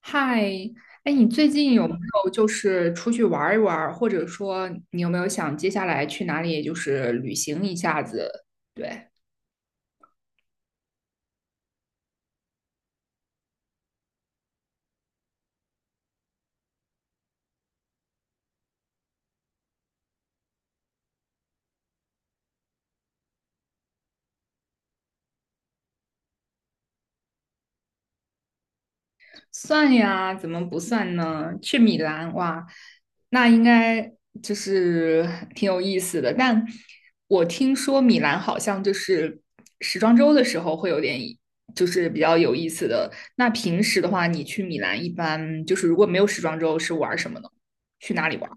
嗨，哎，你最近有没有就是出去玩儿一玩儿，或者说你有没有想接下来去哪里就是旅行一下子？对，算呀，怎么不算呢？去米兰，哇，那应该就是 挺有意思的。但我听说米兰好像就是时装周的时候会有点，就是比较有意思的。那平时的话，你去米兰一般就是如果没有时装周是玩儿什么呢？去哪里玩。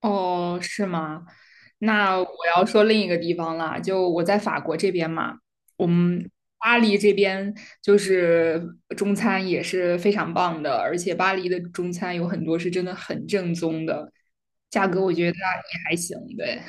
哦，是吗？那我要说另一个地方了，就我在法国这边嘛，我们巴黎这边就是中餐也是非常棒的，而且巴黎的中餐有很多是真的很正宗的，价格我觉得也还行，对。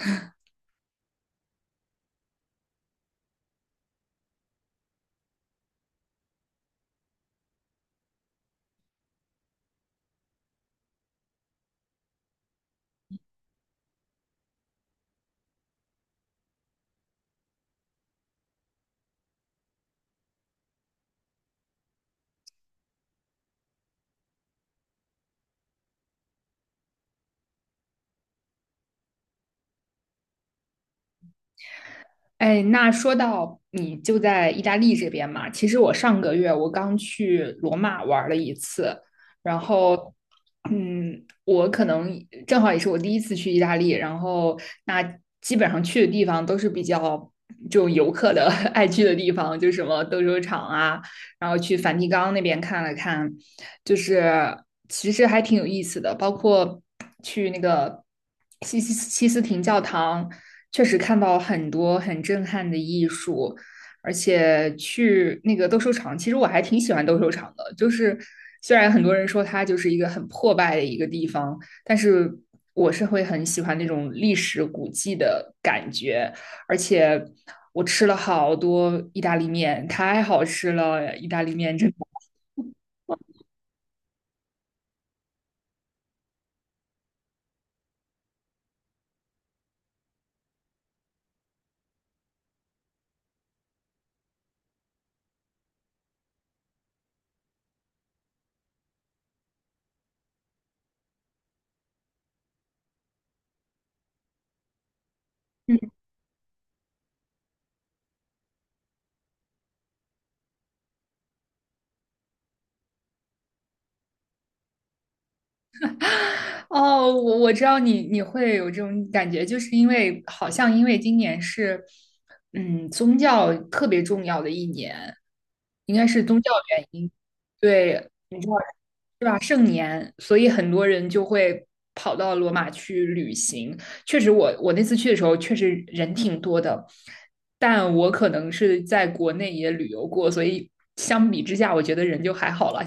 哎，那说到你就在意大利这边嘛，其实我上个月我刚去罗马玩了一次，然后，我可能正好也是我第一次去意大利，然后那基本上去的地方都是比较就游客的 爱去的地方，就什么斗兽场啊，然后去梵蒂冈那边看了看，就是其实还挺有意思的，包括去那个西斯廷教堂。确实看到很多很震撼的艺术，而且去那个斗兽场，其实我还挺喜欢斗兽场的。就是虽然很多人说它就是一个很破败的一个地方，但是我是会很喜欢那种历史古迹的感觉。而且我吃了好多意大利面，太好吃了，意大利面真的。哦，我知道你会有这种感觉，就是因为好像因为今年是，宗教特别重要的一年，应该是宗教原因，对，你知道是吧？圣年，所以很多人就会跑到罗马去旅行。确实我，我那次去的时候，确实人挺多的，但我可能是在国内也旅游过，所以相比之下，我觉得人就还好了。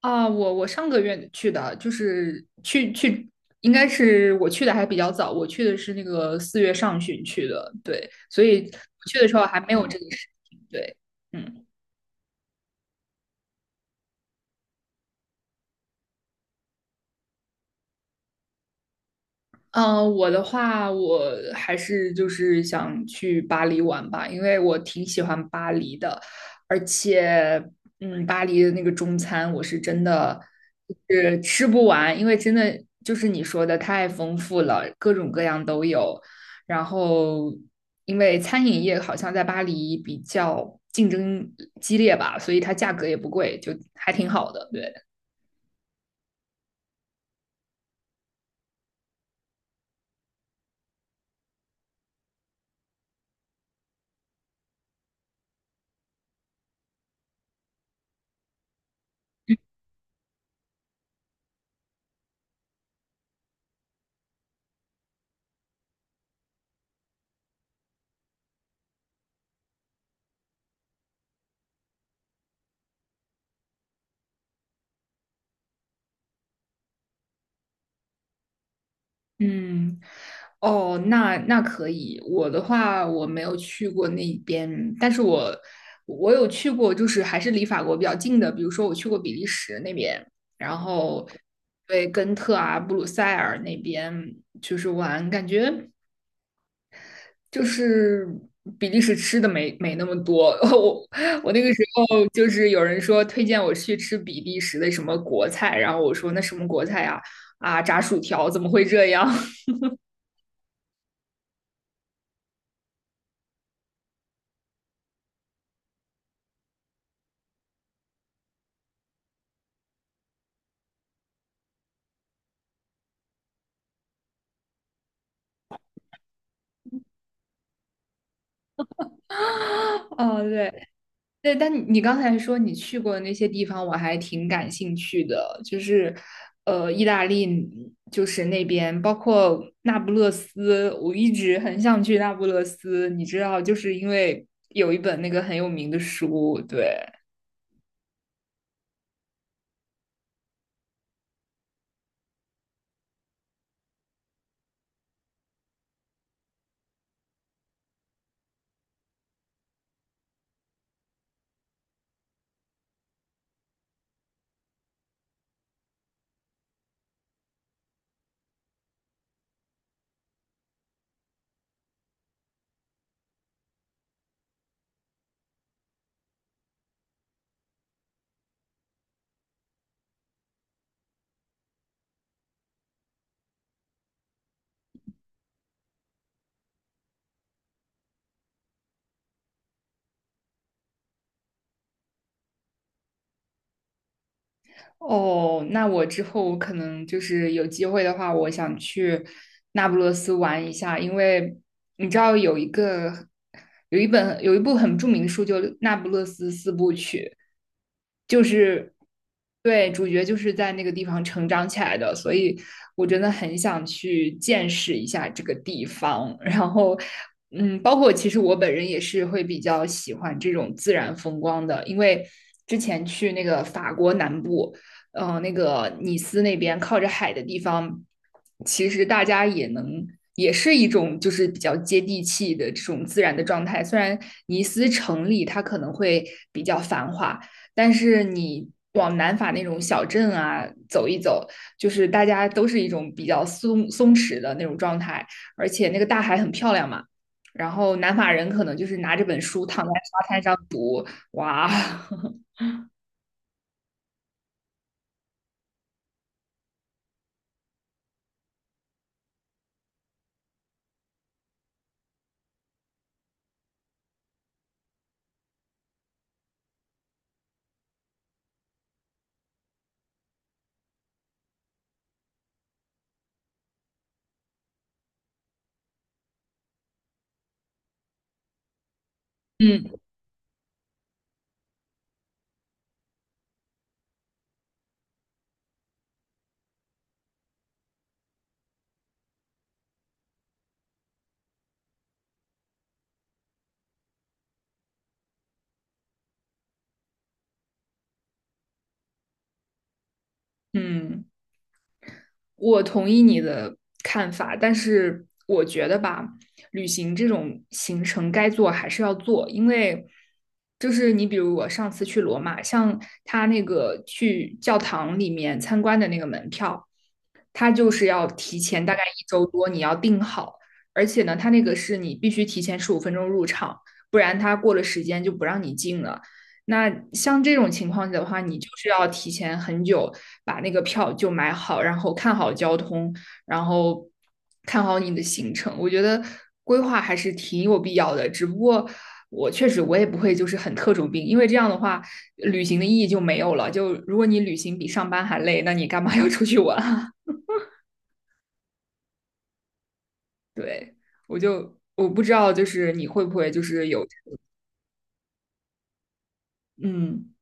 啊，我我上个月去的，就是去，应该是我去的还比较早，我去的是那个4月上旬去的，对，所以我去的时候还没有这个事情，对，嗯。嗯，我的话，我还是就是想去巴黎玩吧，因为我挺喜欢巴黎的，而且，巴黎的那个中餐我是真的就是吃不完，因为真的就是你说的太丰富了，各种各样都有。然后，因为餐饮业好像在巴黎比较竞争激烈吧，所以它价格也不贵，就还挺好的，对。嗯，哦，那那可以。我的话，我没有去过那边，但是我我有去过，就是还是离法国比较近的，比如说我去过比利时那边，然后对根特啊、布鲁塞尔那边就是玩，感觉就是比利时吃的没那么多。我我那个时候就是有人说推荐我去吃比利时的什么国菜，然后我说那什么国菜呀、啊？炸薯条怎么会这样？哦，对对，但你刚才说你去过的那些地方，我还挺感兴趣的，就是意大利，就是那边，包括那不勒斯，我一直很想去那不勒斯，你知道，就是因为有一本那个很有名的书，对。哦，那我之后可能就是有机会的话，我想去那不勒斯玩一下，因为你知道有一个有一本有一部很著名的书，就《那不勒斯四部曲》，就是对主角就是在那个地方成长起来的，所以我真的很想去见识一下这个地方。然后，嗯，包括其实我本人也是会比较喜欢这种自然风光的，因为之前去那个法国南部。那个尼斯那边靠着海的地方，其实大家也能。也是一种就是比较接地气的这种自然的状态。虽然尼斯城里它可能会比较繁华，但是你往南法那种小镇啊走一走，就是大家都是一种比较松弛的那种状态，而且那个大海很漂亮嘛。然后南法人可能就是拿着本书躺在沙滩上读，哇，嗯嗯。我同意你的看法，但是我觉得吧，旅行这种行程该做还是要做，因为就是你比如我上次去罗马，像他那个去教堂里面参观的那个门票，他就是要提前大概一周多你要订好，而且呢，他那个是你必须提前15分钟入场，不然他过了时间就不让你进了。那像这种情况的话，你就是要提前很久把那个票就买好，然后看好交通，然后看好你的行程。我觉得规划还是挺有必要的，只不过我确实我也不会就是很特种兵，因为这样的话旅行的意义就没有了。就如果你旅行比上班还累，那你干嘛 要出去玩啊？对，我就我不知道，就是你会不会就是有嗯。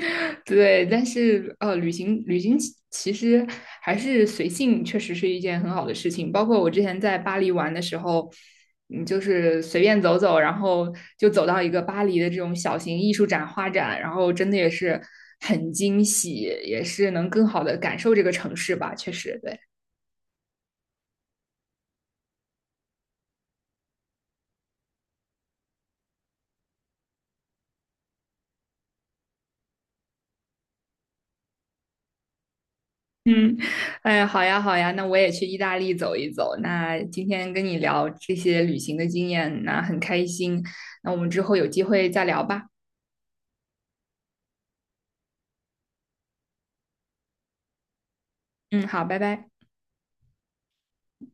对，但是呃，旅行其实还是随性，确实是一件很好的事情。包括我之前在巴黎玩的时候，就是随便走走，然后就走到一个巴黎的这种小型艺术展、画展，然后真的也是很惊喜，也是能更好的感受这个城市吧。确实，对，哎，好呀，好呀，那我也去意大利走一走。那今天跟你聊这些旅行的经验，那很开心。那我们之后有机会再聊吧。嗯，好，拜拜。